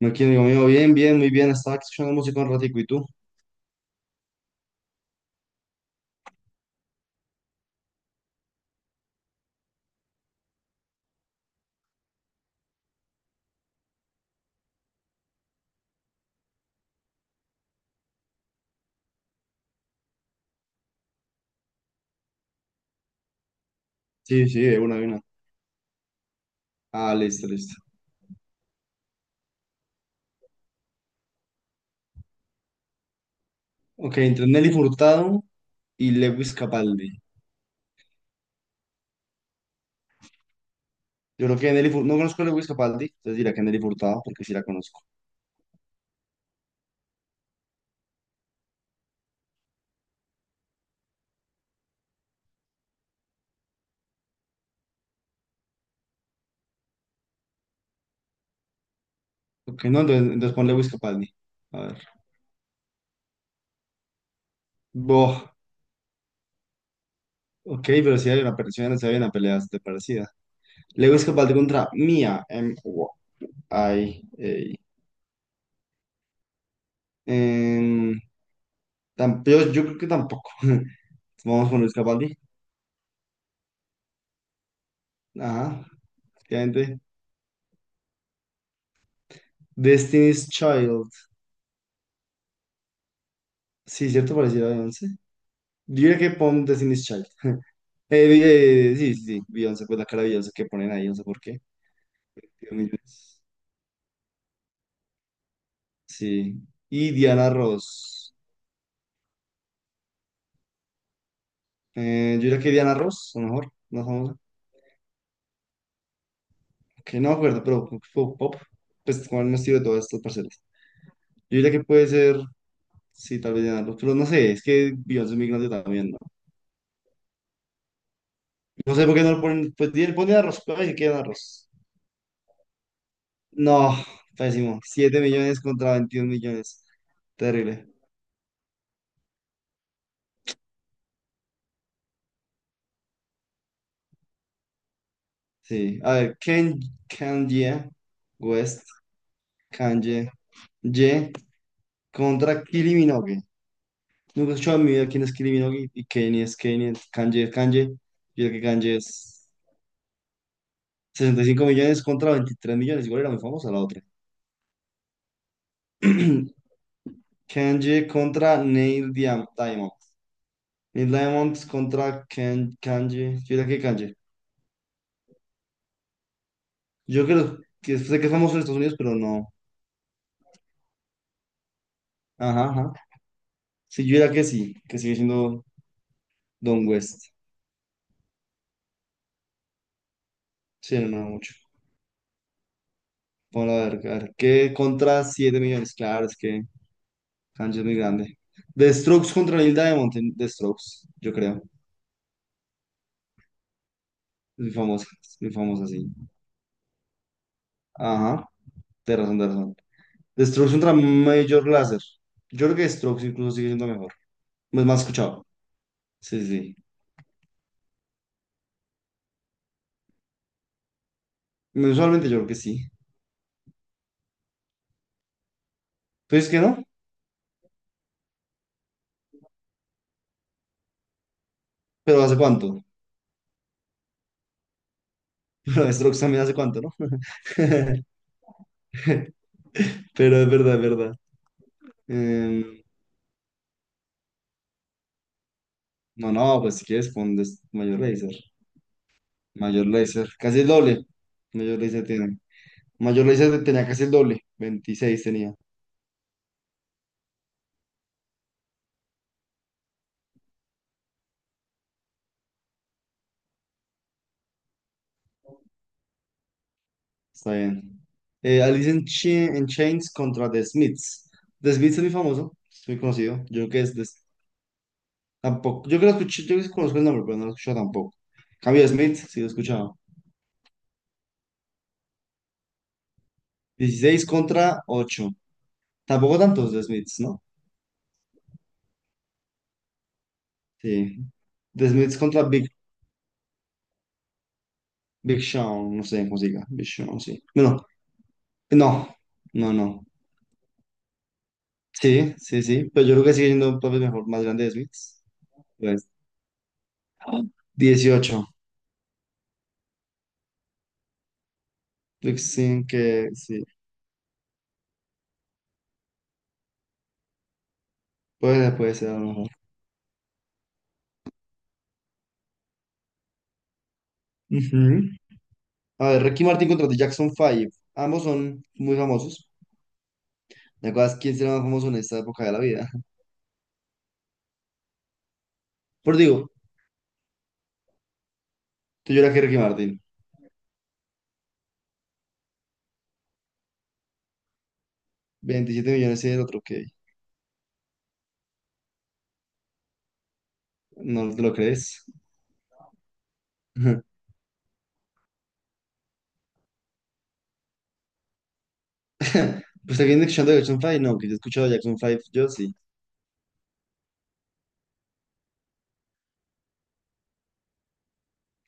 No, aquí, amigo mío, bien, bien, muy bien. Estaba aquí escuchando música un ratico, ¿y tú? Sí, sí, de una, de una. Ah, listo, listo. Ok, entre Nelly Furtado y Lewis Capaldi. Yo creo que Nelly Furtado, no conozco a Lewis Capaldi, entonces dirá que Nelly Furtado, porque sí la conozco. Ok, no, entonces pon Lewis Capaldi. A ver. Boh, ok, pero sí hay una pelea bastante parecida. Lewis Capaldi contra Mia M. Ay, ey. Em, yo creo que tampoco. Vamos con Lewis Capaldi. Ajá, efectivamente. Destiny's Child. Sí, cierto, pareciera Beyoncé. Yo diría que pon Destiny's Child. Sí, sí, sí, Beyoncé, pues la cara de Beyoncé que ponen ahí, no sé por qué. Dios mío. Sí. Y Diana Ross. Yo diría que Diana Ross, a lo mejor, más famosa. Que no me acuerdo, pero pop, pop, pues con el estilo de todas estas parcelas. Yo diría que puede ser, sí, tal vez Diana Ross, pero no sé, es que Beyoncé es muy grande también, ¿no? No sé por qué no lo ponen, pues pon Diana Ross, pero dice que Diana Ross. No, pésimo. Siete millones contra 21 millones. Terrible. Sí. A ver, Kanye West, Kanye Ye contra Kylie Minogue. Nunca he escuchado en mi vida quién es Kylie Minogue y Kanye es Kanye, Kanye es Kanye. Yo creo que Kanye es 65 millones contra 23 millones. Igual era muy famosa la otra. Kanye contra Neil Diamond. Neil Diamond contra Kanye. Yo diría que Kanye. Yo creo que sé que es famoso en Estados Unidos, pero no. Ajá, ajá. Sí, yo diría que sí, que sigue siendo Don West. Sí, no, no mucho. Vamos a ver, a ver. ¿Qué contra 7 millones? Claro, es que Kanji es muy grande. The Strokes contra Neil Diamond. The Strokes, yo creo. Es muy famosa, sí. Ajá, de razón, de razón. The Strokes contra Major Lazer. Yo creo que Strokes incluso sigue siendo mejor. Es más escuchado. Sí, sí. Sí. Usualmente yo creo que sí. Pues es que no, pero ¿hace cuánto? Pero Strokes también hace cuánto, ¿no? Pero es verdad, es verdad. Em, No, no, pues si quieres pon mayor laser. Mayor laser. Casi el doble. Mayor laser tiene. Mayor laser tenía casi el doble. 26 tenía. Está bien. Alice in Chains contra The Smiths. The Smiths es muy famoso. Es muy conocido. Yo creo que es. Tampoco. Yo que lo escuché, yo que conozco el nombre, pero no lo he escuchado tampoco. En cambio de Smiths, sí lo he escuchado. 16 contra ocho. Tampoco tantos The Smiths, ¿no? Sí. The Smiths contra Big Sean. No sé cómo se diga. Big Sean, sí. Bueno, no. No, no. Sí, sí, sí. Pero yo creo que sigue siendo un papel mejor, más grande de Smiths. Pues, ¡ah! 18. Pues sin que, sí. Puede ser a lo mejor. Ujú. A ver, Ricky Martin contra The Jackson Five. Ambos son muy famosos. ¿Te acuerdas quién será más famoso en esta época de la vida? Por digo, tú lloras que Ricky Martin. 27 millones y el otro que no te lo crees. Pues alguien escuchando Jackson Five, no, que yo he escuchado Jackson Five, yo sí.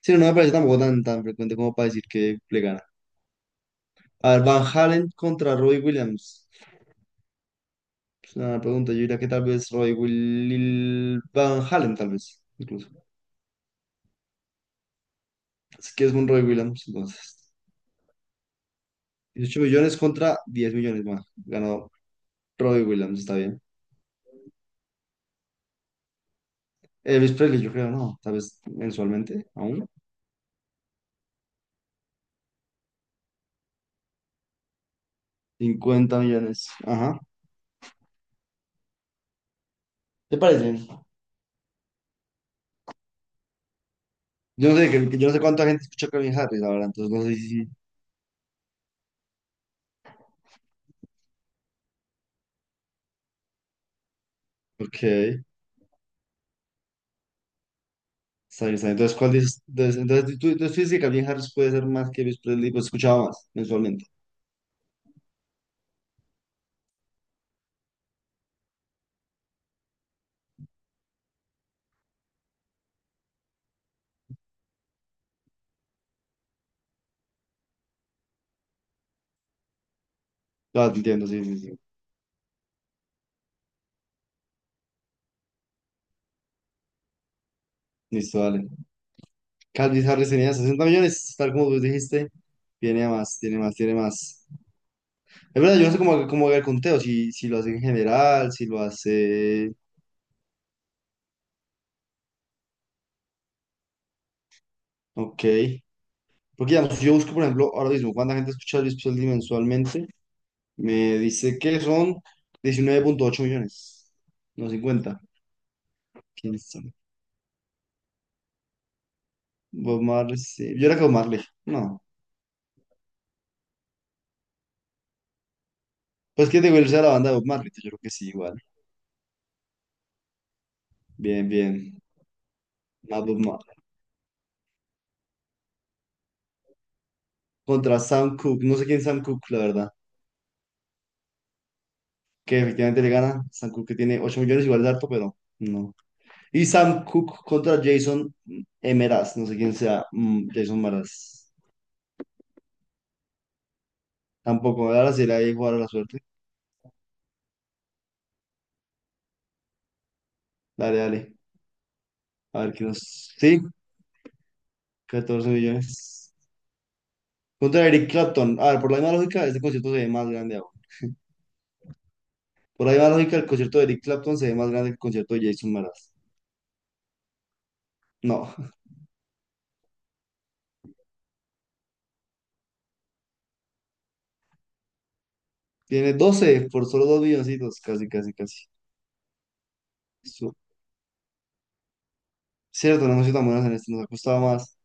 Sí, no me parece tampoco tan, tan frecuente como para decir que le gana. A ver, Van Halen contra Robbie Williams. Es una pregunta. Yo diría que tal vez Roy Will Van Halen, tal vez, incluso. Así que es un Roy Williams, entonces. 18 millones contra 10 millones más. Ganó Roy Williams, está bien. Elvis Presley, yo creo, no, tal vez mensualmente, aún. 50 millones, ajá. ¿Te parece? Yo no sé, que yo no sé cuánta gente escucha Calvin Harris ahora, entonces no sé si... Ok, está bien, está bien. Entonces, ¿cuál dices? Entonces tú dices que Calvin Harris puede ser más que Elvis Presley, pues escuchaba más mensualmente. Ah, te entiendo, sí, sí, sí. Listo, dale. Calvin Harris tenía 60 millones, tal como tú dijiste, tiene más, tiene más, tiene más. Es verdad, yo no sé cómo haga el conteo, si lo hace en general, si lo hace... Ok. Porque digamos, si yo busco, por ejemplo, ahora mismo, cuánta gente escucha a Luis Pizzola mensualmente, me dice que son 19,8 millones, no 50. ¿Quién sabe? Bob Marley, sí. Yo era que Bob Marley, no. Pues que digo, él sea la banda de Bob Marley, entonces yo creo que sí, igual. Bien, bien. Más Bob Marley. Contra Sam Cooke, no sé quién es Sam Cooke, la verdad. Que efectivamente le gana. Sam Cook que tiene 8 millones, igual de harto, pero no. Y Sam Cook contra Jason Emeras, no sé quién sea, Jason Maras. Tampoco, ahora sí le hay jugar a la suerte. Dale, dale. A ver qué nos. Sí, 14 millones. Contra Eric Clapton. A ver, por la misma lógica, este concierto se ve más grande ahora. Por la misma lógica, el concierto de Eric Clapton se ve más grande que el concierto de Jason Maras. No, tiene 12 por solo 2 milloncitos, casi, casi, casi. Su- Cierto, no hemos sido tan buenos en esto, nos ha costado más.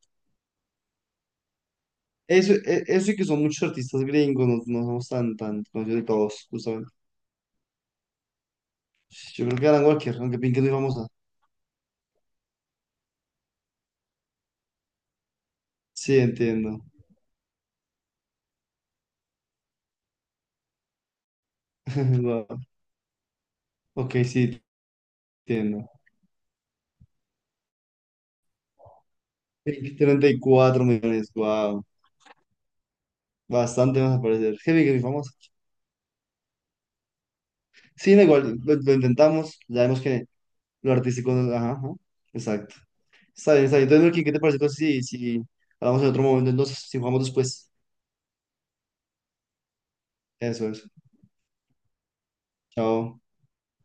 Eso y que son muchos artistas gringos, no, no somos tan, tan conocidos de todos, justamente. Yo creo que Alan Walker, aunque Pink es muy famosa. Sí, entiendo. Wow. Ok, sí, entiendo. Pink, 34 millones, wow. Bastante más a parecer, que Pink es muy famosa. Sí, da igual, lo intentamos, ya vemos que lo artístico, ajá, ajá, exacto. Está bien, está bien. Entonces, Melqui, ¿qué te parece? Entonces, si hablamos en otro momento, entonces, si jugamos después. Eso es. Chao.